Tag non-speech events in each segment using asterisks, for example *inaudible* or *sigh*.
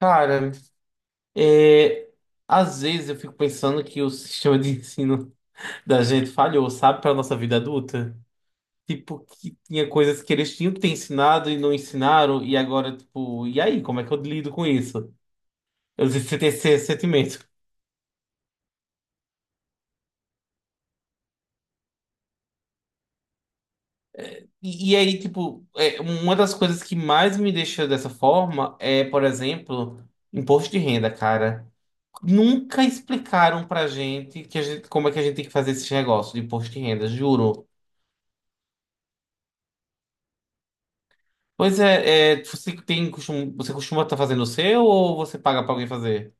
Cara, é, às vezes eu fico pensando que o sistema de ensino da gente falhou, sabe, para nossa vida adulta. Tipo, que tinha coisas que eles tinham que ter ensinado e não ensinaram, e agora, tipo, e aí, como é que eu lido com isso? Eu sempre tenho esse sentimento. E aí, tipo, uma das coisas que mais me deixa dessa forma é, por exemplo, imposto de renda, cara. Nunca explicaram pra gente, que a gente como é que a gente tem que fazer esse negócio de imposto de renda, juro. Pois é, você costuma estar fazendo o seu ou você paga pra alguém fazer?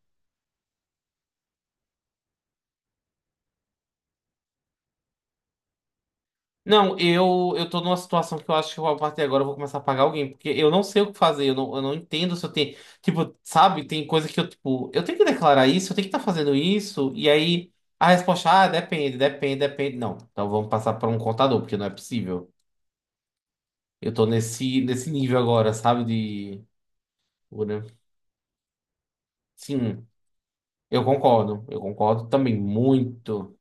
Não, eu tô numa situação que eu acho que eu, a partir de agora eu vou começar a pagar alguém, porque eu não sei o que fazer, eu não entendo se eu tenho, tipo, sabe, tem coisa que eu, tipo, eu tenho que declarar isso, eu tenho que estar fazendo isso, e aí a resposta, ah, depende, depende, depende. Não, então vamos passar para um contador, porque não é possível. Eu tô nesse nível agora, sabe, né? Sim, eu concordo também muito.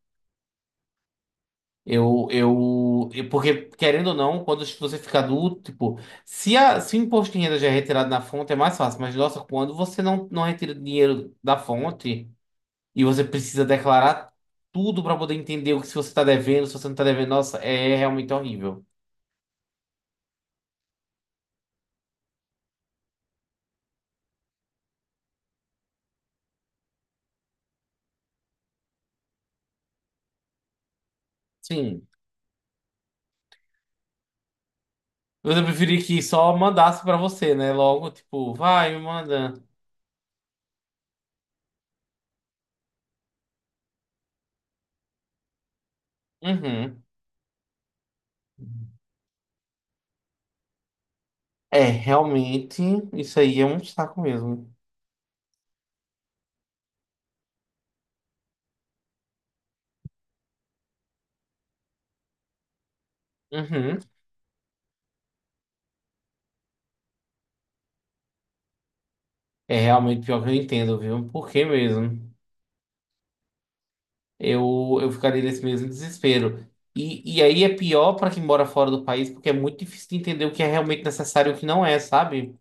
Porque, querendo ou não, quando você fica adulto, tipo, se o imposto de renda já é retirado na fonte, é mais fácil. Mas, nossa, quando você não retira dinheiro da fonte e você precisa declarar tudo para poder entender o que se você está devendo, se você não está devendo, nossa, é realmente horrível. Sim. Eu preferia que só mandasse para você, né? Logo, tipo, vai, me manda. Uhum. É, realmente, isso aí é um saco mesmo. Uhum. É realmente pior que eu entendo, viu? Por que mesmo? Eu ficaria nesse mesmo desespero. E aí é pior para quem mora fora do país, porque é muito difícil de entender o que é realmente necessário e o que não é, sabe?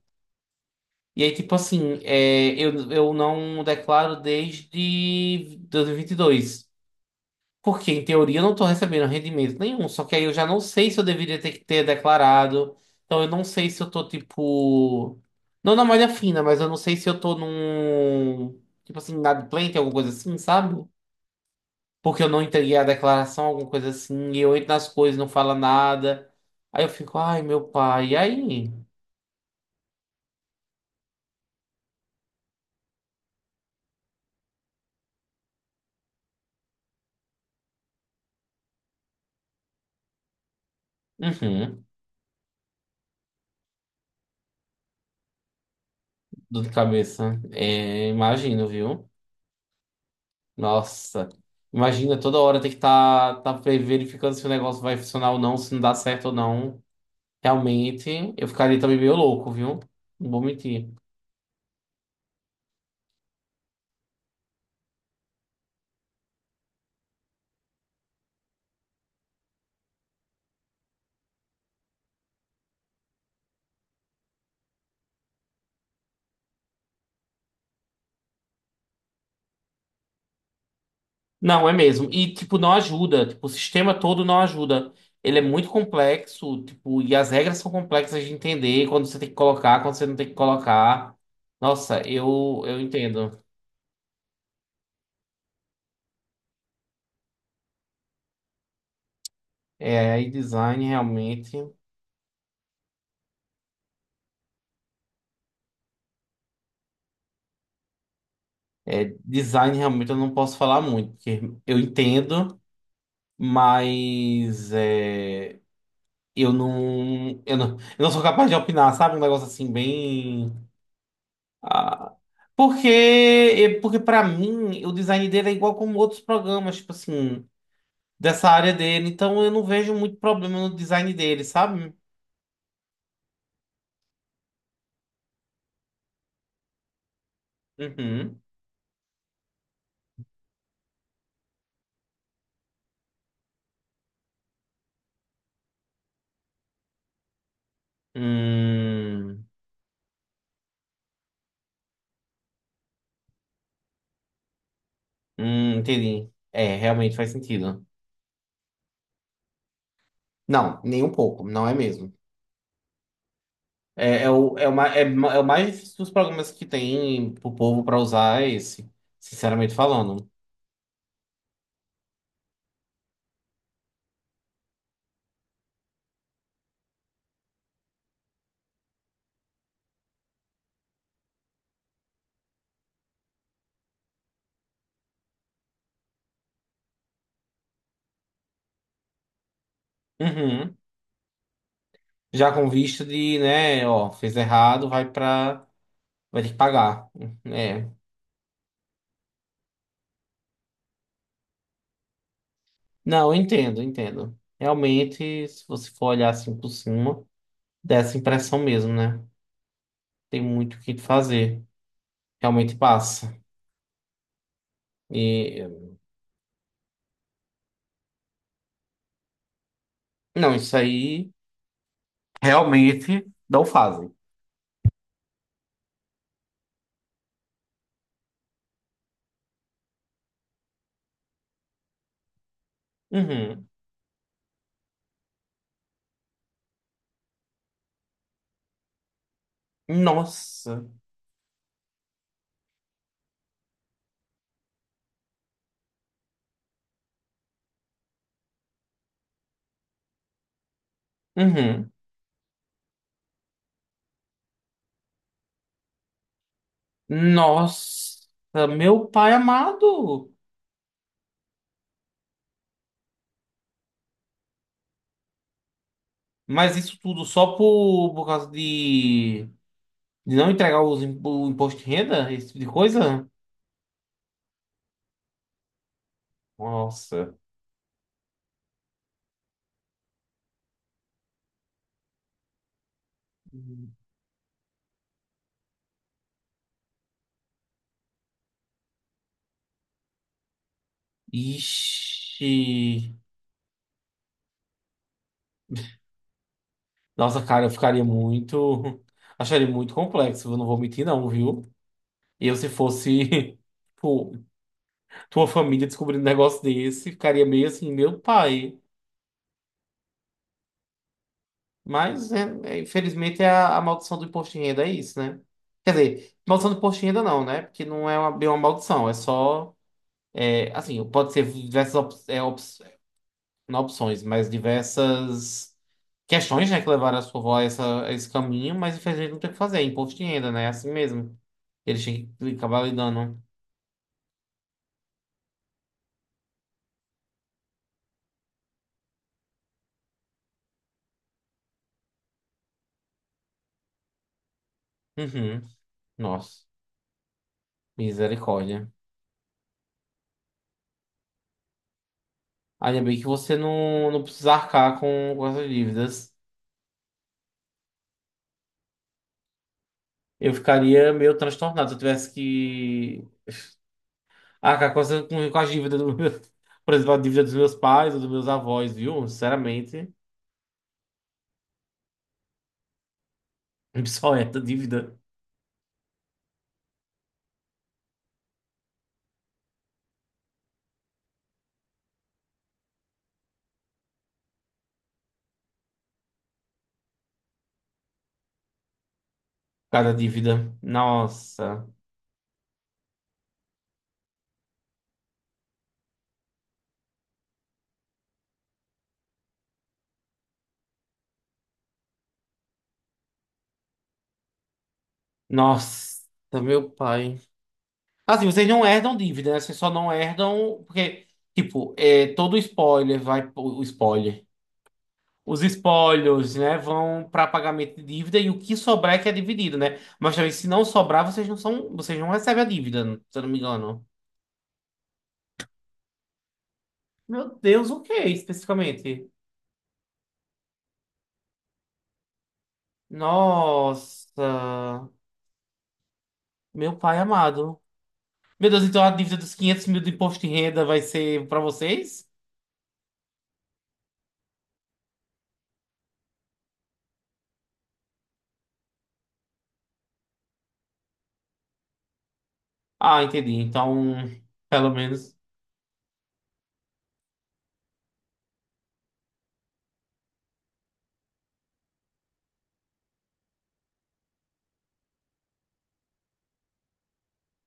E aí, tipo assim, é, eu não declaro desde 2022. Porque, em teoria, eu não estou recebendo rendimento nenhum. Só que aí eu já não sei se eu deveria ter que ter declarado. Então, eu não sei se eu tô, tipo. Não na malha fina, mas eu não sei se eu tô num. Tipo assim, inadimplente, alguma coisa assim, sabe? Porque eu não entreguei a declaração, alguma coisa assim, e eu entro nas coisas, não fala nada. Aí eu fico, ai, meu pai, e aí? Uhum, dor de cabeça. É, imagino, viu? Nossa, imagina toda hora ter que estar tá verificando se o negócio vai funcionar ou não, se não dá certo ou não. Realmente, eu ficaria também meio louco, viu? Não vou mentir. Não, é mesmo. E, tipo, não ajuda. Tipo, o sistema todo não ajuda. Ele é muito complexo, tipo, e as regras são complexas de entender quando você tem que colocar, quando você não tem que colocar. Nossa, eu entendo. É, e design realmente. É, design realmente eu não posso falar muito, porque eu entendo, mas eu não sou capaz de opinar, sabe? Um negócio assim, bem. Ah, porque para mim, o design dele é igual como outros programas, tipo assim, dessa área dele. Então eu não vejo muito problema no design dele, sabe? Uhum. Hum, entendi. É, realmente faz sentido. Não, nem um pouco, não é mesmo. É, é, o, é, o, ma- é, ma- É o mais difícil dos programas que tem pro povo para usar é esse, sinceramente falando. Uhum. Já com vista de, né, ó, fez errado, vai pra. Vai ter que pagar. É. Não, eu entendo, eu entendo. Realmente, se você for olhar assim por cima, dá essa impressão mesmo, né? Tem muito o que fazer. Realmente passa. E não, isso aí realmente não fazem. Uhum. Nossa. Uhum. Nossa, meu pai amado. Mas isso tudo só por causa de não entregar o imposto de renda, esse tipo de coisa? Nossa. Ixi. Nossa, cara, eu ficaria muito. *laughs* Acharia muito complexo, eu não vou mentir, não, viu? Eu, se fosse *laughs* pô, tua família descobrindo um negócio desse, ficaria meio assim, meu pai. Mas, infelizmente, é a maldição do imposto de renda é isso, né? Quer dizer, maldição do imposto de renda não, né? Porque não é uma, bem uma maldição, é só. É, assim, pode ser diversas opções não opções, mas diversas questões, né, que levaram a sua avó a esse caminho, mas infelizmente não tem o que fazer, é imposto de renda, né? É assim mesmo. Eles têm que acabar lidando. Uhum. Nossa, misericórdia. Ainda bem que você não precisa arcar com essas dívidas. Eu ficaria meio transtornado se eu tivesse que arcar com as dívidas do meu, *laughs* por exemplo, a dívida dos meus pais ou dos meus avós, viu? Sinceramente, *laughs* só essa dívida. Cada dívida. Nossa. Nossa, meu pai. Assim, vocês não herdam dívida, né? Vocês só não herdam. Porque, tipo, é, todo spoiler vai. O spoiler. Os spoilers, né? Vão para pagamento de dívida e o que sobrar é que é dividido, né? Mas também, se não sobrar, vocês não são. Vocês não recebem a dívida, se eu não me engano. Meu Deus, o que especificamente? Nossa, meu pai amado. Meu Deus, então a dívida dos 500 mil do imposto de renda vai ser para vocês? Ah, entendi. Então, pelo menos.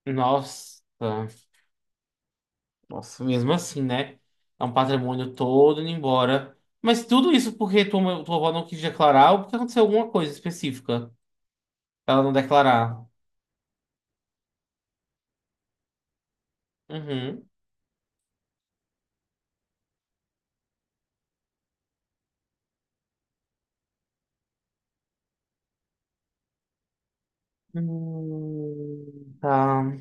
Nossa, nossa, mesmo assim, né? É um patrimônio todo indo embora. Mas tudo isso porque tua avó não quis declarar ou porque aconteceu alguma coisa específica pra ela não declarar. Uhum. Tá.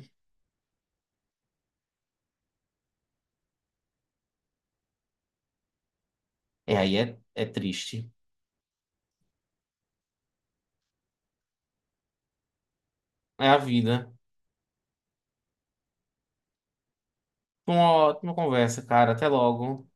É, aí é triste. É a vida. Uma ótima conversa, cara. Até logo.